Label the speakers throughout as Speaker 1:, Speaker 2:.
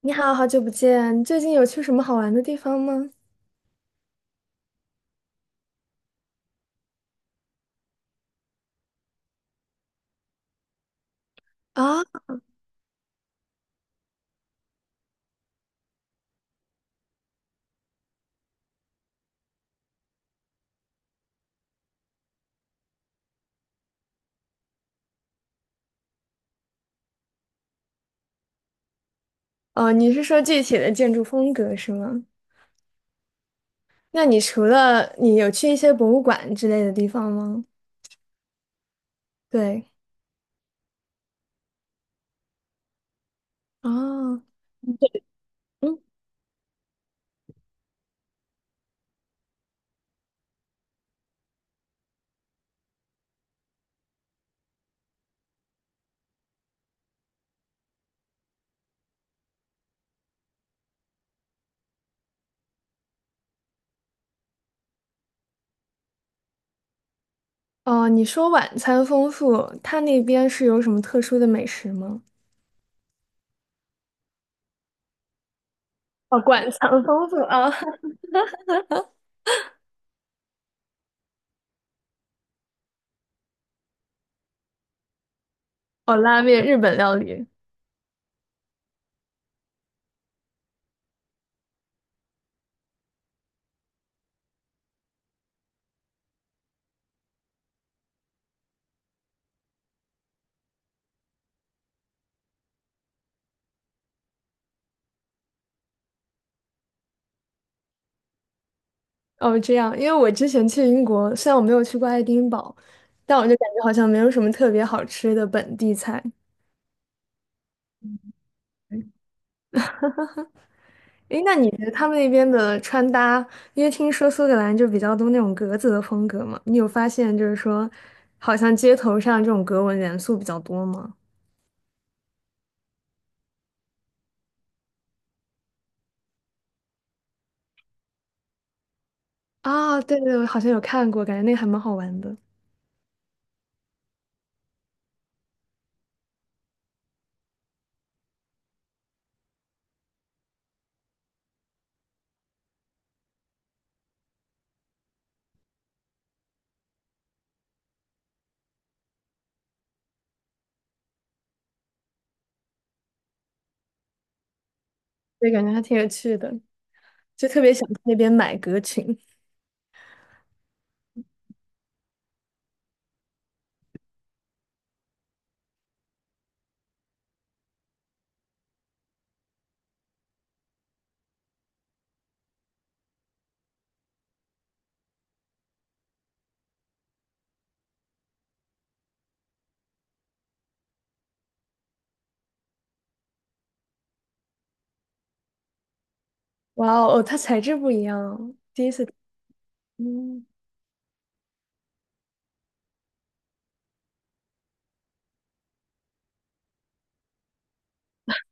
Speaker 1: 你好，好久不见，最近有去什么好玩的地方吗？啊，哦，你是说具体的建筑风格是吗？那你除了你有去一些博物馆之类的地方吗？对，哦，嗯，哦，你说晚餐丰富，它那边是有什么特殊的美食吗？哦，馆藏丰富啊，哦，拉面、日本料理，哦，这样，因为我之前去英国，虽然我没有去过爱丁堡，但我就感觉好像没有什么特别好吃的本地菜。诶，那你觉得他们那边的穿搭，因为听说苏格兰就比较多那种格子的风格嘛，你有发现好像街头上这种格纹元素比较多吗？啊，对对，我好像有看过，感觉那个还蛮好玩的，对，感觉还挺有趣的，就特别想去那边买格裙。哇哦，哦它材质不一样哦，第一次，嗯，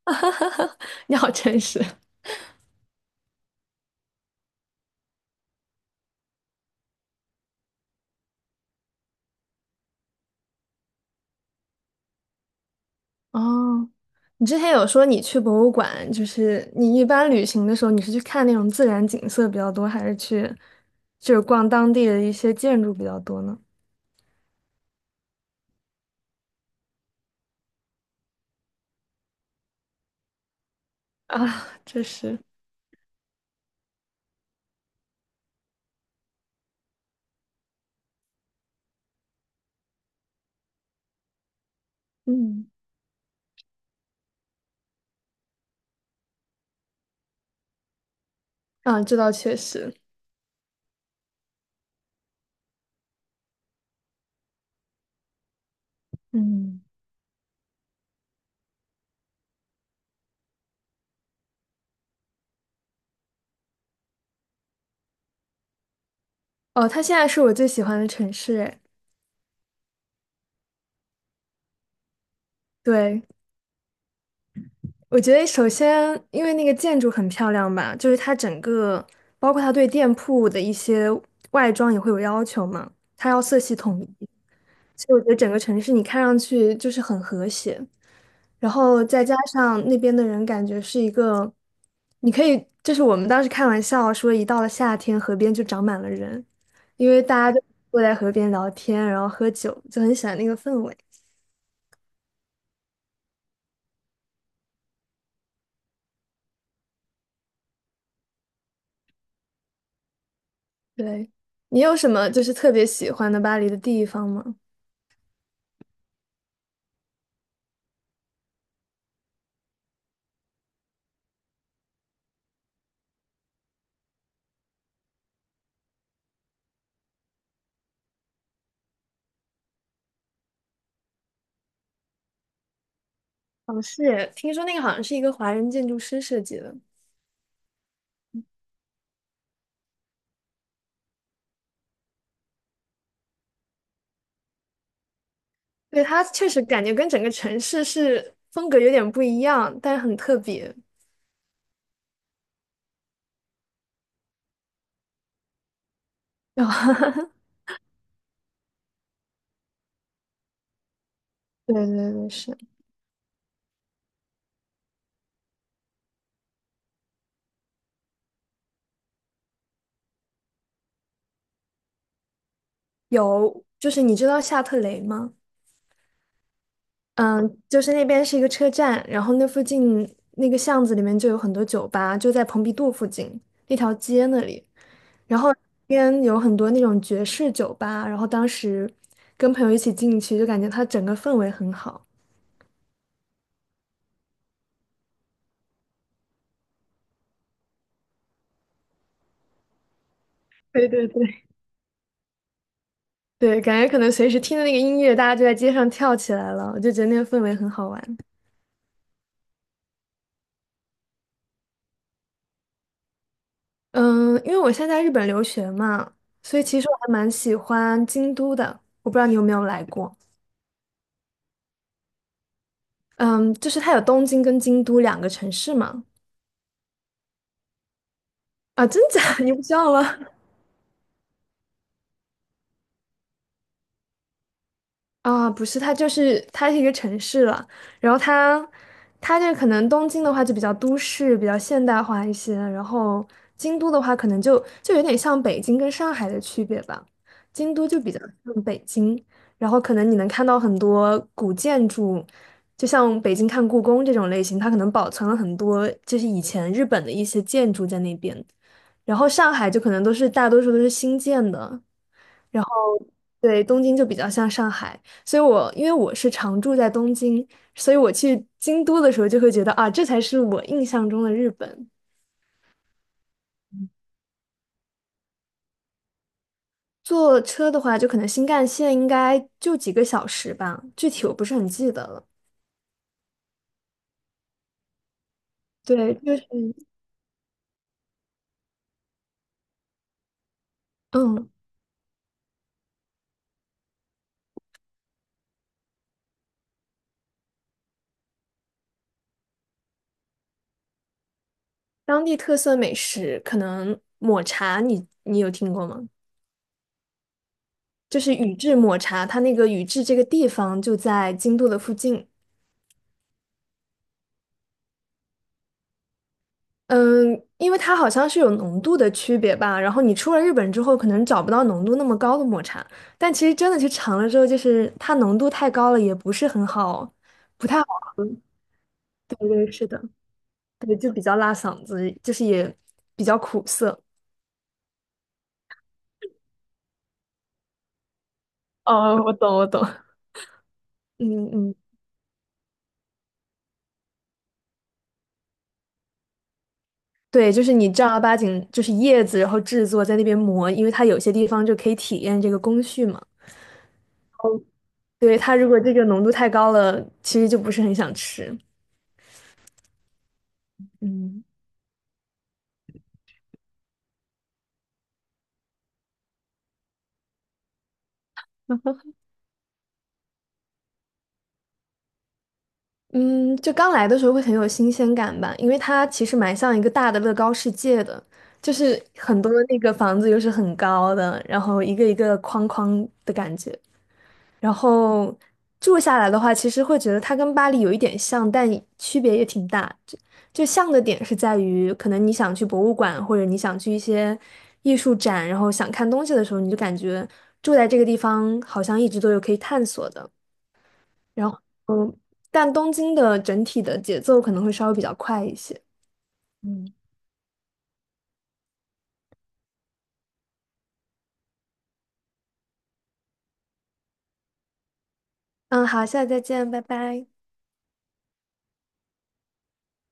Speaker 1: 你好诚实。哦，你之前有说你去博物馆，你一般旅行的时候，你是去看那种自然景色比较多，还是去逛当地的一些建筑比较多呢？啊，这是，嗯啊，这倒确实。嗯。哦，它现在是我最喜欢的城市，哎，对。我觉得首先，因为那个建筑很漂亮吧，它整个，包括它对店铺的一些外装也会有要求嘛，它要色系统一，所以我觉得整个城市你看上去就是很和谐。然后再加上那边的人感觉是一个，你可以，我们当时开玩笑说，一到了夏天，河边就长满了人，因为大家就坐在河边聊天，然后喝酒，就很喜欢那个氛围。对，你有什么特别喜欢的巴黎的地方吗？哦，是听说那个好像是一个华人建筑师设计的，对，它确实感觉跟整个城市是风格有点不一样，但是很特别。对对对，是有，你知道夏特雷吗？嗯，就是那边是一个车站，然后那附近那个巷子里面就有很多酒吧，就在蓬皮杜附近那条街那里，然后那边有很多那种爵士酒吧，然后当时跟朋友一起进去，就感觉它整个氛围很好。对对对。对，感觉可能随时听的那个音乐，大家就在街上跳起来了，我就觉得那个氛围很好玩。嗯，因为我现在在日本留学嘛，所以其实我还蛮喜欢京都的。我不知道你有没有来过？嗯，就是它有东京跟京都两个城市嘛。啊，真假？你不知道吗？啊，不是，它是一个城市了，然后它这可能东京的话就比较都市，比较现代化一些，然后京都的话可能就有点像北京跟上海的区别吧，京都就比较像北京，然后可能你能看到很多古建筑，就像北京看故宫这种类型，它可能保存了很多以前日本的一些建筑在那边，然后上海就可能都是大多数都是新建的。然后对东京就比较像上海，所以我因为我是常住在东京，所以我去京都的时候就会觉得啊，这才是我印象中的日本。坐车的话，就可能新干线应该就几个小时吧，具体我不是很记得了。对，嗯，当地特色美食可能抹茶你有听过吗？就是宇治抹茶，它那个宇治这个地方就在京都的附近。嗯，因为它好像是有浓度的区别吧，然后你出了日本之后，可能找不到浓度那么高的抹茶，但其实真的去尝了之后，它浓度太高了，也不是很好，不太好。对对，是的，对，就比较辣嗓子，就是也比较苦涩。哦，我懂，我懂。嗯嗯，对，你正儿八经就是叶子，然后制作在那边磨，因为它有些地方就可以体验这个工序嘛。对，它如果这个浓度太高了，其实就不是很想吃。嗯。嗯，就刚来的时候会很有新鲜感吧，因为它其实蛮像一个大的乐高世界的，就是很多那个房子又是很高的，然后一个一个框框的感觉。然后住下来的话，其实会觉得它跟巴黎有一点像，但区别也挺大。就像的点是在于，可能你想去博物馆，或者你想去一些艺术展，然后想看东西的时候，你就感觉住在这个地方好像一直都有可以探索的。然后，嗯，但东京的整体的节奏可能会稍微比较快一些。嗯，好，下次再见，拜拜。